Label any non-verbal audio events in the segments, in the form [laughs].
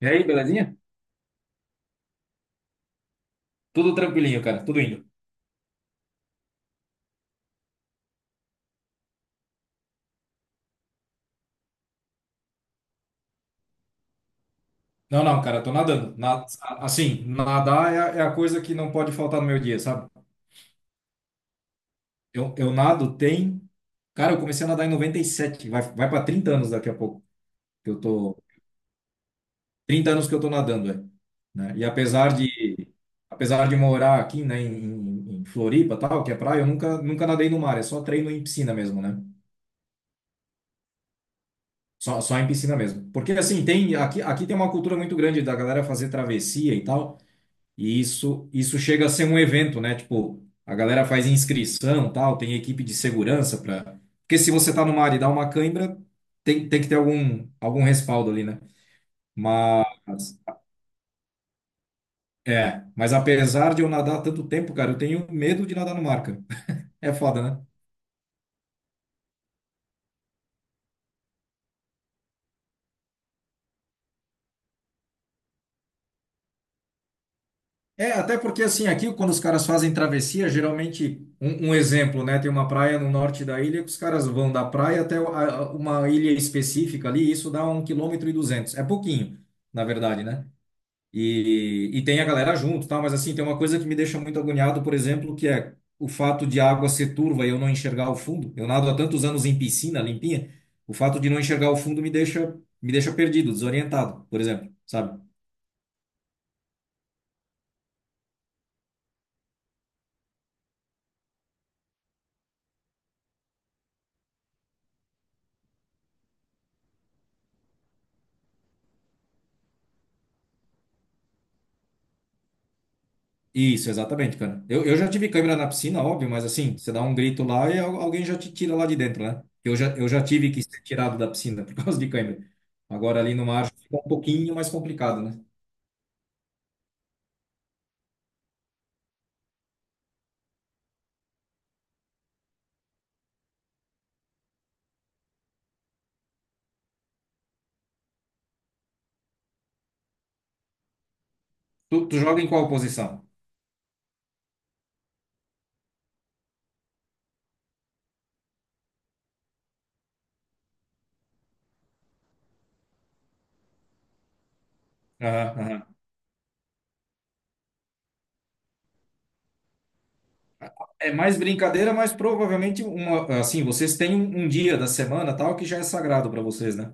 E aí, belezinha? Tudo tranquilinho, cara, tudo indo. Não, não, cara, eu tô nadando. Assim, nadar é a coisa que não pode faltar no meu dia, sabe? Eu nado tem. Cara, eu comecei a nadar em 97. Vai para 30 anos daqui a pouco. Que Eu tô 30 anos que eu tô nadando, é, né? E apesar de morar aqui, né, em Floripa, tal, que é praia, eu nunca nadei no mar, é só treino em piscina mesmo, né? Só, só em piscina mesmo. Porque assim, tem aqui tem uma cultura muito grande da galera fazer travessia e tal. E isso chega a ser um evento, né? Tipo, a galera faz inscrição, tal, tem equipe de segurança para. Porque se você tá no mar e dá uma cãibra, tem que ter algum respaldo ali, né? Mas, mas apesar de eu nadar tanto tempo, cara, eu tenho medo de nadar no mar, cara. [laughs] É foda, né? É, até porque assim, aqui quando os caras fazem travessia, geralmente, um exemplo, né? Tem uma praia no norte da ilha que os caras vão da praia até uma ilha específica ali, e isso dá um quilômetro e duzentos. É pouquinho, na verdade, né? E tem a galera junto, tá? Mas assim, tem uma coisa que me deixa muito agoniado, por exemplo, que é o fato de a água ser turva e eu não enxergar o fundo. Eu nado há tantos anos em piscina limpinha, o fato de não enxergar o fundo me deixa perdido, desorientado, por exemplo, sabe? Isso, exatamente, cara. Eu já tive câmera na piscina, óbvio, mas assim, você dá um grito lá e alguém já te tira lá de dentro, né? Eu já tive que ser tirado da piscina [laughs] por causa de câmera. Agora ali no mar fica um pouquinho mais complicado, né? Tu joga em qual posição? Aham, aham. É mais brincadeira, mas provavelmente uma, assim, vocês têm um dia da semana tal que já é sagrado para vocês, né?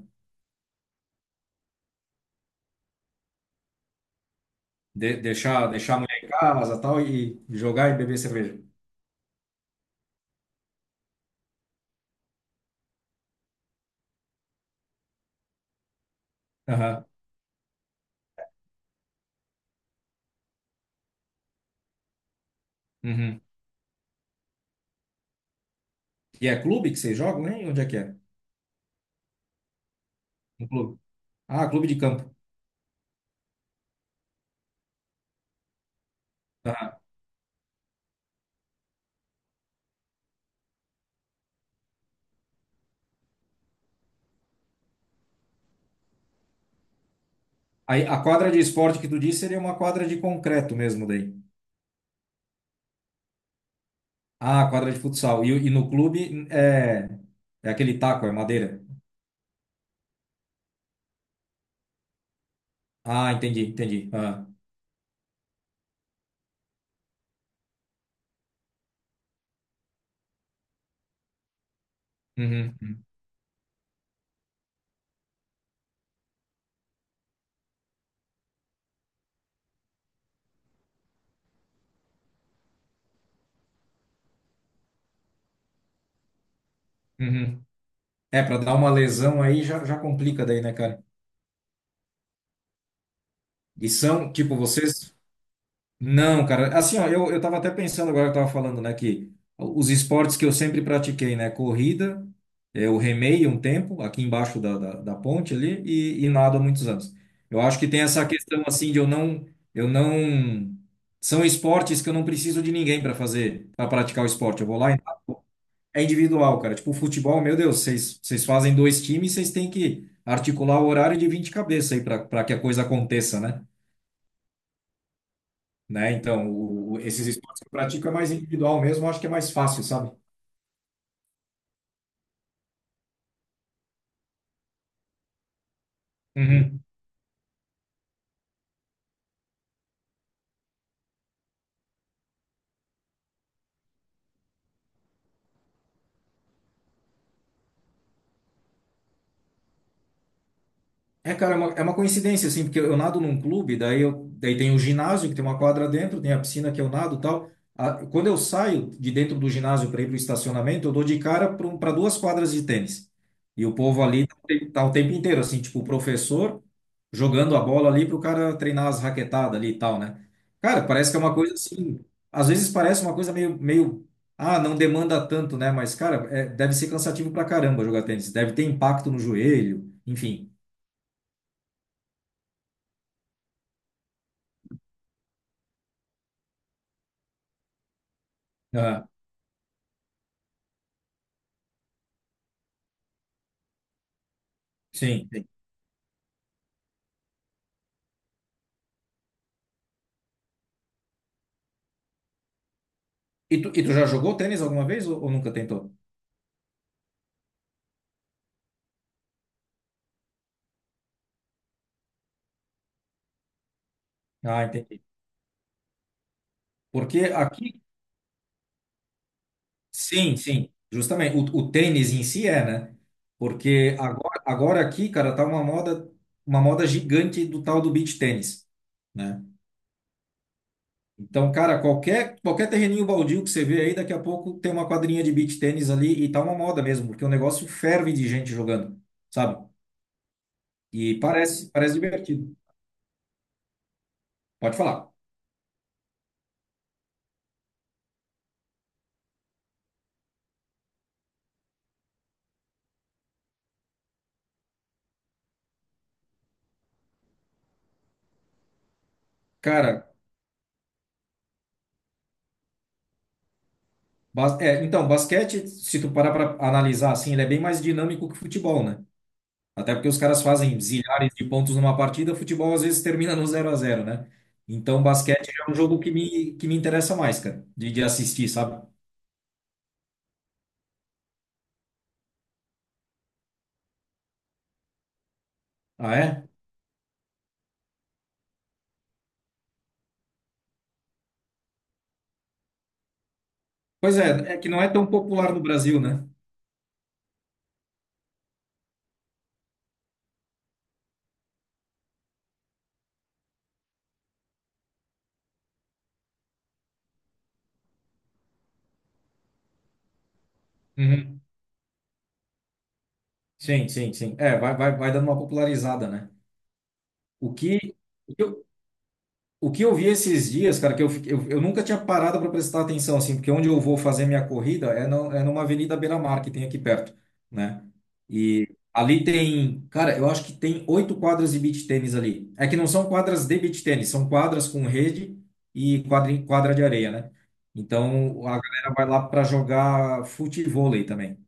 Deixar a mulher em casa tal e jogar e beber cerveja. Aham. Uhum. E é clube que vocês jogam, né? Onde é que é? Um clube. Ah, clube de campo. Aham. Aí a quadra de esporte que tu disse seria uma quadra de concreto mesmo daí. Ah, quadra de futsal. E no clube é, é aquele taco, é madeira. Ah, entendi, entendi. Aham. Uhum. Uhum. Uhum. É, para dar uma lesão aí já, já complica daí, né, cara? E são, tipo, vocês. Não, cara. Assim, ó, eu tava até pensando agora, eu tava falando, né, que os esportes que eu sempre pratiquei, né, corrida, é, eu remei um tempo, aqui embaixo da ponte ali, e nado há muitos anos. Eu acho que tem essa questão, assim, de eu não. Eu não. São esportes que eu não preciso de ninguém para fazer, para praticar o esporte. Eu vou lá e. Nado. É individual, cara. Tipo, futebol, meu Deus, vocês fazem dois times, vocês têm que articular o horário de 20 cabeças aí para que a coisa aconteça, Né? Então, esses esportes que eu pratico é mais individual mesmo, eu acho que é mais fácil, sabe? Uhum. É, cara, é uma coincidência, assim, porque eu nado num clube, daí tem o ginásio, que tem uma quadra dentro, tem a piscina que eu nado e tal. Ah, quando eu saio de dentro do ginásio para ir para o estacionamento, eu dou de cara para duas quadras de tênis. E o povo ali tá o tempo inteiro, assim, tipo, o professor jogando a bola ali para o cara treinar as raquetadas ali e tal, né? Cara, parece que é uma coisa assim, às vezes parece uma coisa meio, ah, não demanda tanto, né? Mas, cara, deve ser cansativo pra caramba jogar tênis, deve ter impacto no joelho, enfim. Sim, sim. E tu já jogou tênis alguma vez ou nunca tentou? Ah, entendi. Porque aqui, sim, sim, justamente, o tênis em si é, né? Porque agora aqui, cara, tá uma moda, gigante do tal do beach tênis, né? Então, cara, qualquer terreninho baldio que você vê aí, daqui a pouco tem uma quadrinha de beach tênis ali e tá uma moda mesmo, porque o negócio ferve de gente jogando, sabe? E parece, parece divertido. Pode falar. Cara, é, então, basquete, se tu parar para analisar assim, ele é bem mais dinâmico que futebol, né? Até porque os caras fazem zilhares de pontos numa partida, futebol às vezes termina no zero a zero, né? Então, basquete é um jogo que me interessa mais, cara, de assistir, sabe? Ah, é? Pois é, é que não é tão popular no Brasil, né? Uhum. Sim, sim, sim. É, vai dando uma popularizada, né? O que, O que eu vi esses dias, cara, que eu nunca tinha parado para prestar atenção, assim, porque onde eu vou fazer minha corrida é, no, é numa avenida beira-mar que tem aqui perto, né? E ali tem, cara, eu acho que tem oito quadras de beach tênis ali. É que não são quadras de beach tênis, são quadras com rede e quadra de areia, né? Então a galera vai lá para jogar futevôlei também,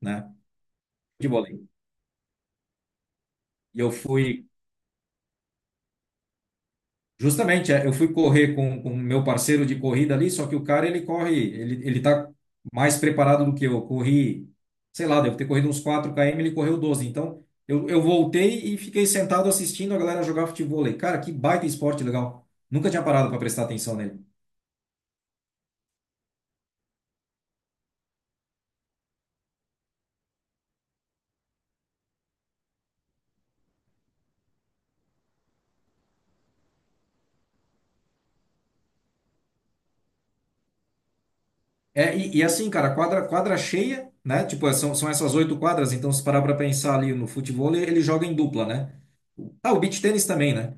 né? Futevôlei. E eu fui. Justamente, é, eu fui correr com o meu parceiro de corrida ali, só que o cara, ele corre, ele tá mais preparado do que eu. Eu corri, sei lá, deve ter corrido uns 4 km, ele correu 12. Então, eu voltei e fiquei sentado assistindo a galera jogar futevôlei. Cara, que baita esporte legal. Nunca tinha parado para prestar atenção nele. É, e assim, cara, quadra, quadra cheia, né? Tipo, é, são essas oito quadras, então se parar pra pensar ali no futebol, ele joga em dupla, né? Ah, o beach tênis também, né?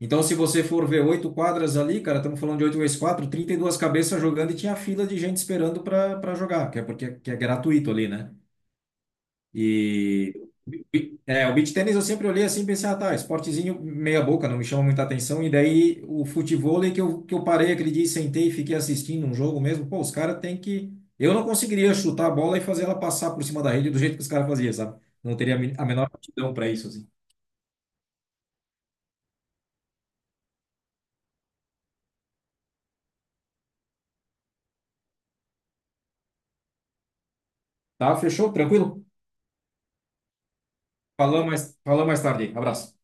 Então, se você for ver oito quadras ali, cara, estamos falando de oito vezes quatro, 32 cabeças jogando e tinha fila de gente esperando pra para jogar, que é porque que é gratuito ali, né? E é, o beach tênis eu sempre olhei assim e pensei, ah, tá, esportezinho meia boca, não me chama muita atenção. E daí o futevôlei que eu parei aquele dia e sentei e fiquei assistindo um jogo mesmo, pô, os caras têm que. Eu não conseguiria chutar a bola e fazer ela passar por cima da rede do jeito que os caras faziam, sabe? Não teria a menor aptidão para isso, assim. Tá, fechou? Tranquilo? Falamos mais tarde. Abraço.